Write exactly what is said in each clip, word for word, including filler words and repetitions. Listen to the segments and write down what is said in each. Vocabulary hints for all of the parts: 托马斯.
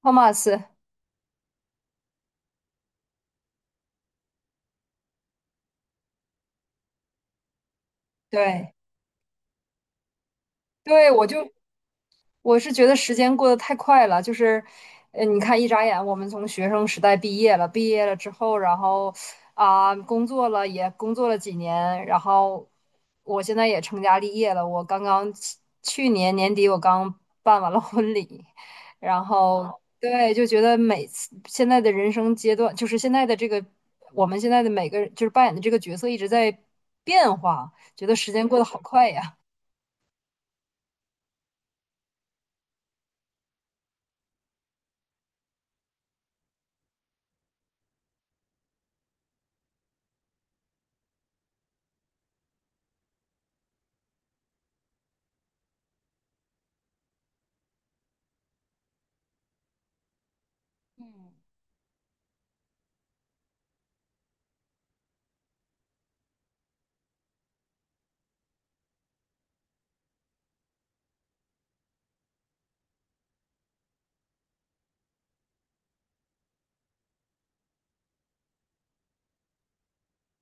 托马斯，对对，我就我是觉得时间过得太快了，就是，呃，你看一眨眼，我们从学生时代毕业了，毕业了之后，然后啊、工作了，也工作了几年，然后我现在也成家立业了，我刚刚去去年年底我刚办完了婚礼。然后对，就觉得每次现在的人生阶段，就是现在的这个我们现在的每个就是扮演的这个角色一直在变化，觉得时间过得好快呀。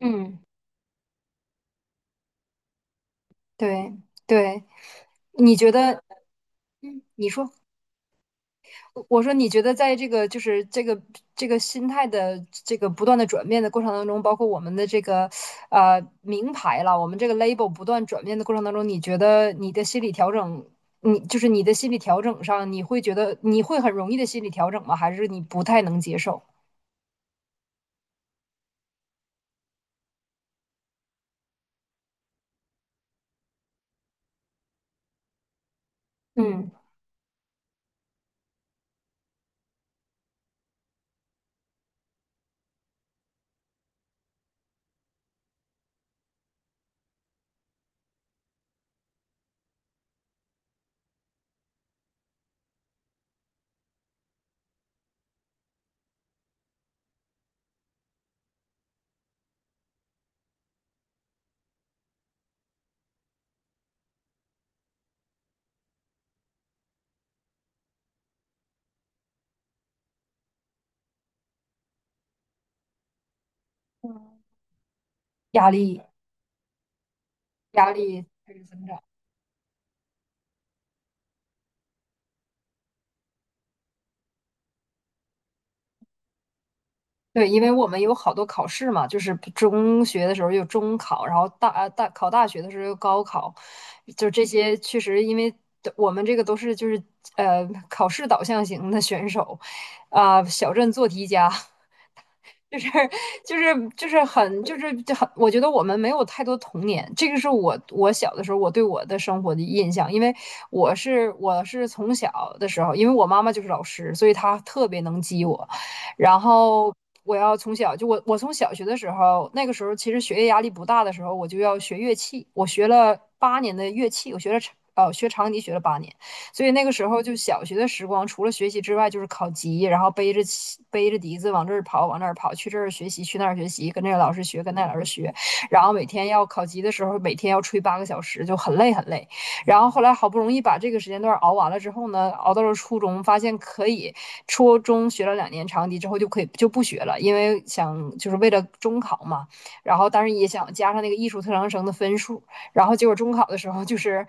嗯，对对，你觉得，嗯，你说，我说你觉得，在这个就是这个这个心态的这个不断的转变的过程当中，包括我们的这个呃名牌了，我们这个 label 不断转变的过程当中，你觉得你的心理调整，你就是你的心理调整上，你会觉得你会很容易的心理调整吗？还是你不太能接受？嗯，嗯，压力压力开始增长。对，因为我们有好多考试嘛，就是中学的时候有中考，然后大呃大考大学的时候有高考，就这些确实，因为我们这个都是就是呃考试导向型的选手，啊、小镇做题家，就是就是就是很就是就很，我觉得我们没有太多童年，这个是我我小的时候我对我的生活的印象，因为我是我是从小的时候，因为我妈妈就是老师，所以她特别能激我，然后我要从小就我我从小学的时候，那个时候其实学业压力不大的时候，我就要学乐器，我学了八年的乐器，我学了长呃学长笛学了八年，所以那个时候就小学的时光，除了学习之外，就是考级，然后背着背着笛子往这儿跑，往那儿跑，去这儿学习，去那儿学习，跟这个老师学，跟那个老师学，然后每天要考级的时候，每天要吹八个小时，就很累很累。然后后来好不容易把这个时间段熬完了之后呢，熬到了初中，发现可以，初中学了两年长笛之后就可以就不学了，因为想就是为了中考嘛，然后当然也想加上那个艺术特长生的分数，然后结果中考的时候就是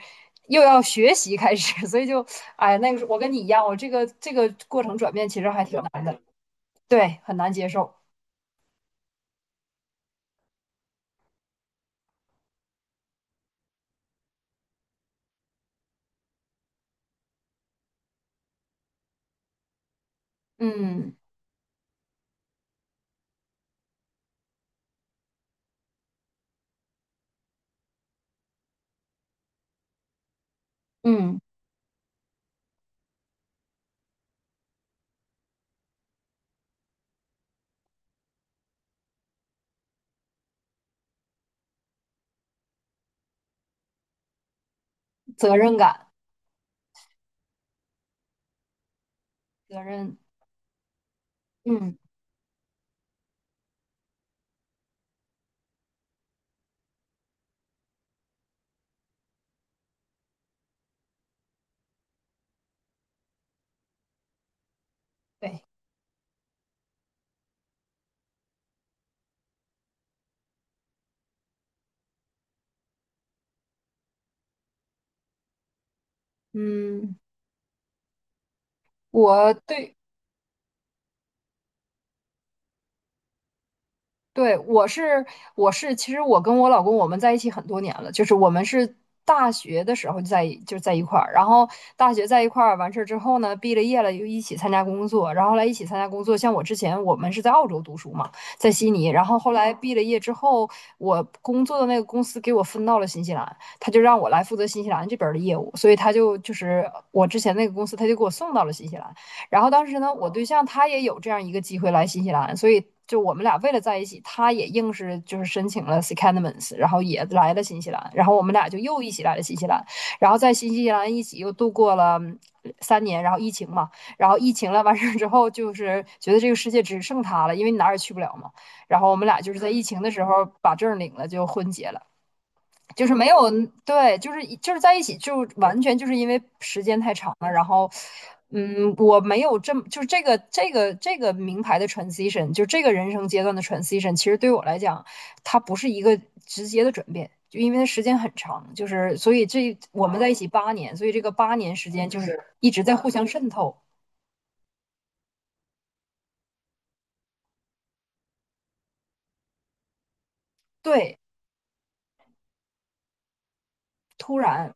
又要学习开始，所以就哎，那个时候我跟你一样，我这个这个过程转变其实还挺难的，对，很难接受。嗯嗯，责任感，责任，嗯，对，嗯，我对对，我是我是，其实我跟我老公我们在一起很多年了，就是我们是大学的时候就在一就在一块儿，然后大学在一块儿完事儿之后呢，毕了业了又一起参加工作，然后后来一起参加工作，像我之前我们是在澳洲读书嘛，在悉尼，然后后来毕了业之后，我工作的那个公司给我分到了新西兰，他就让我来负责新西兰这边儿的业务，所以他就就是我之前那个公司他就给我送到了新西兰。然后当时呢，我对象他也有这样一个机会来新西兰，所以就我们俩为了在一起，他也硬是就是申请了 secondments,然后也来了新西兰，然后我们俩就又一起来了新西兰，然后在新西兰一起又度过了三年，然后疫情嘛，然后疫情了完事儿之后，就是觉得这个世界只剩他了，因为你哪儿也去不了嘛，然后我们俩就是在疫情的时候把证领了，就婚结了。就是没有，对，就是就是在一起，就完全就是因为时间太长了，然后，嗯，我没有这么就是这个这个这个名牌的 transition,就这个人生阶段的 transition,其实对我来讲，它不是一个直接的转变，就因为它时间很长，就是所以这我们在一起八年，所以这个八年时间就是一直在互相渗透，对，突然，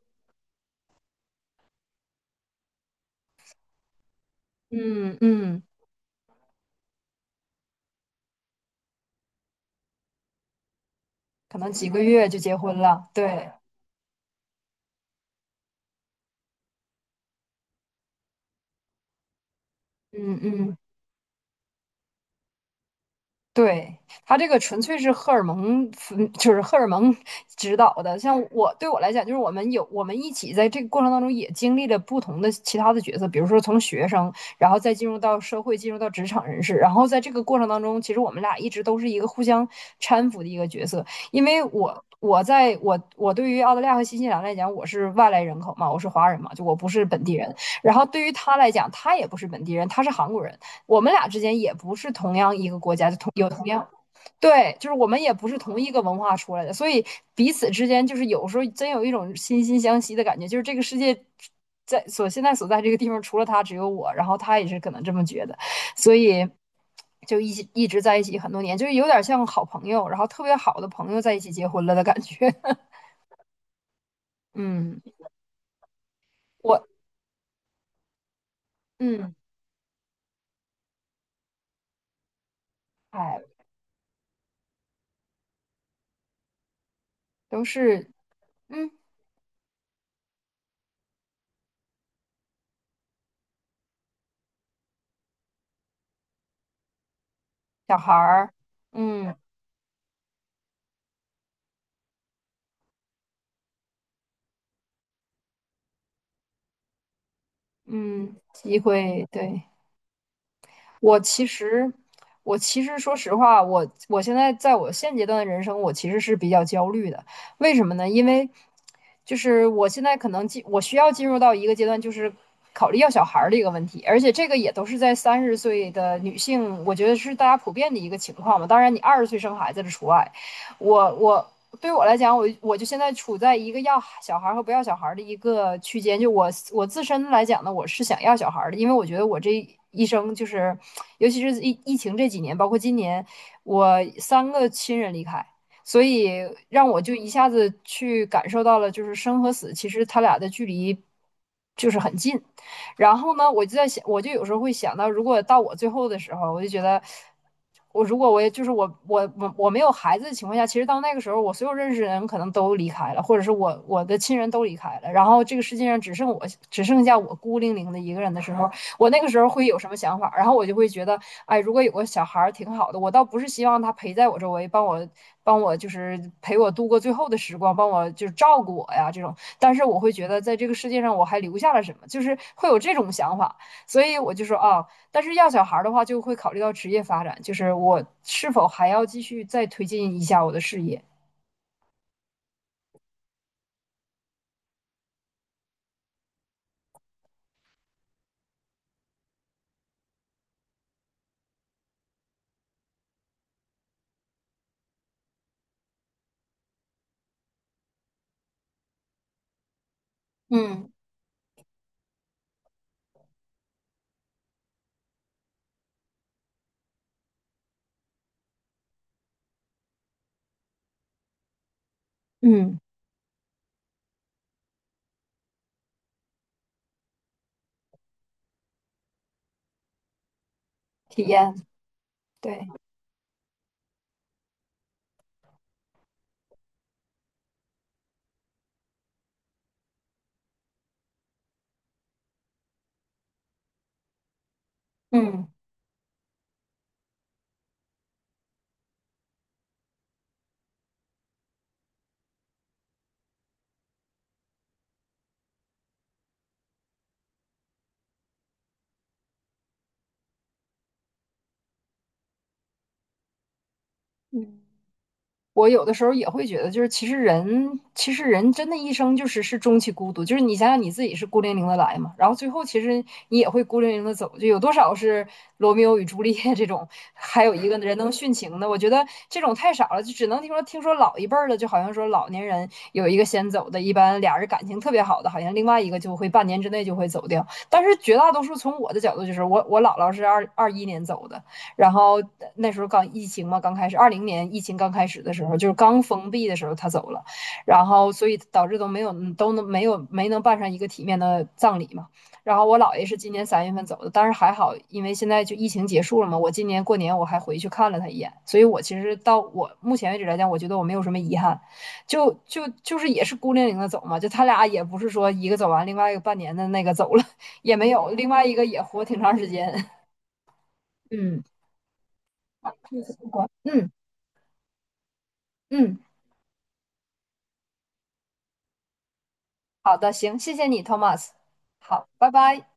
嗯嗯，可能几个月就结婚了，对，嗯嗯。对，他这个纯粹是荷尔蒙，嗯就是荷尔蒙 指导的。像我对我来讲，就是我们有我们一起在这个过程当中也经历了不同的其他的角色，比如说从学生，然后再进入到社会，进入到职场人士，然后在这个过程当中，其实我们俩一直都是一个互相搀扶的一个角色。因为我我在我我对于澳大利亚和新西兰来讲，我是外来人口嘛，我是华人嘛，就我不是本地人。然后对于他来讲，他也不是本地人，他是韩国人。我们俩之间也不是同样一个国家，就同有同样对，就是我们也不是同一个文化出来的，所以彼此之间就是有时候真有一种惺惺相惜的感觉，就是这个世界在所现在所在这个地方，除了他只有我，然后他也是可能这么觉得，所以就一起一直在一起很多年，就是有点像好朋友，然后特别好的朋友在一起结婚了的感觉。嗯，我嗯，哎，都是嗯小孩儿，嗯嗯，机会对。我其实，我其实说实话，我我现在在我现阶段的人生，我其实是比较焦虑的。为什么呢？因为就是我现在可能进，我需要进入到一个阶段，就是考虑要小孩儿的一个问题，而且这个也都是在三十岁的女性，我觉得是大家普遍的一个情况嘛。当然，你二十岁生孩子的除外。我我对我来讲，我我就现在处在一个要小孩和不要小孩的一个区间。就我我自身来讲呢，我是想要小孩的，因为我觉得我这一生就是，尤其是疫疫情这几年，包括今年，我三个亲人离开，所以让我就一下子去感受到了，就是生和死，其实他俩的距离就是很近。然后呢，我就在想，我就有时候会想到，如果到我最后的时候，我就觉得，我如果我也就是我我我我没有孩子的情况下，其实到那个时候，我所有认识的人可能都离开了，或者是我我的亲人都离开了，然后这个世界上只剩我只剩下我孤零零的一个人的时候，我那个时候会有什么想法？然后我就会觉得，哎，如果有个小孩儿挺好的，我倒不是希望他陪在我周围，帮我帮我就是陪我度过最后的时光，帮我就是照顾我呀这种。但是我会觉得在这个世界上我还留下了什么，就是会有这种想法，所以我就说啊，但是要小孩的话就会考虑到职业发展，就是我是否还要继续再推进一下我的事业，嗯，嗯，体验，对，嗯。嗯。我有的时候也会觉得，就是其实人，其实人真的一生就是是终其孤独，就是你想想你自己是孤零零的来嘛，然后最后其实你也会孤零零的走，就有多少是罗密欧与朱丽叶这种，还有一个人能殉情的，我觉得这种太少了，就只能听说听说老一辈儿的，就好像说老年人有一个先走的，一般俩人感情特别好的，好像另外一个就会半年之内就会走掉，但是绝大多数从我的角度就是我我姥姥是二二一年走的，然后那时候刚疫情嘛，刚开始，二零年疫情刚开始的时候，就是刚封闭的时候，他走了，然后所以导致都没有都能没有没能办上一个体面的葬礼嘛。然后我姥爷是今年三月份走的，但是还好，因为现在就疫情结束了嘛，我今年过年我还回去看了他一眼，所以我其实到我目前为止来讲，我觉得我没有什么遗憾，就就就是也是孤零零的走嘛，就他俩也不是说一个走完，另外一个半年的那个走了 也没有，另外一个也活挺长时间，嗯。嗯嗯，好的，行，谢谢你，Thomas。好，拜拜。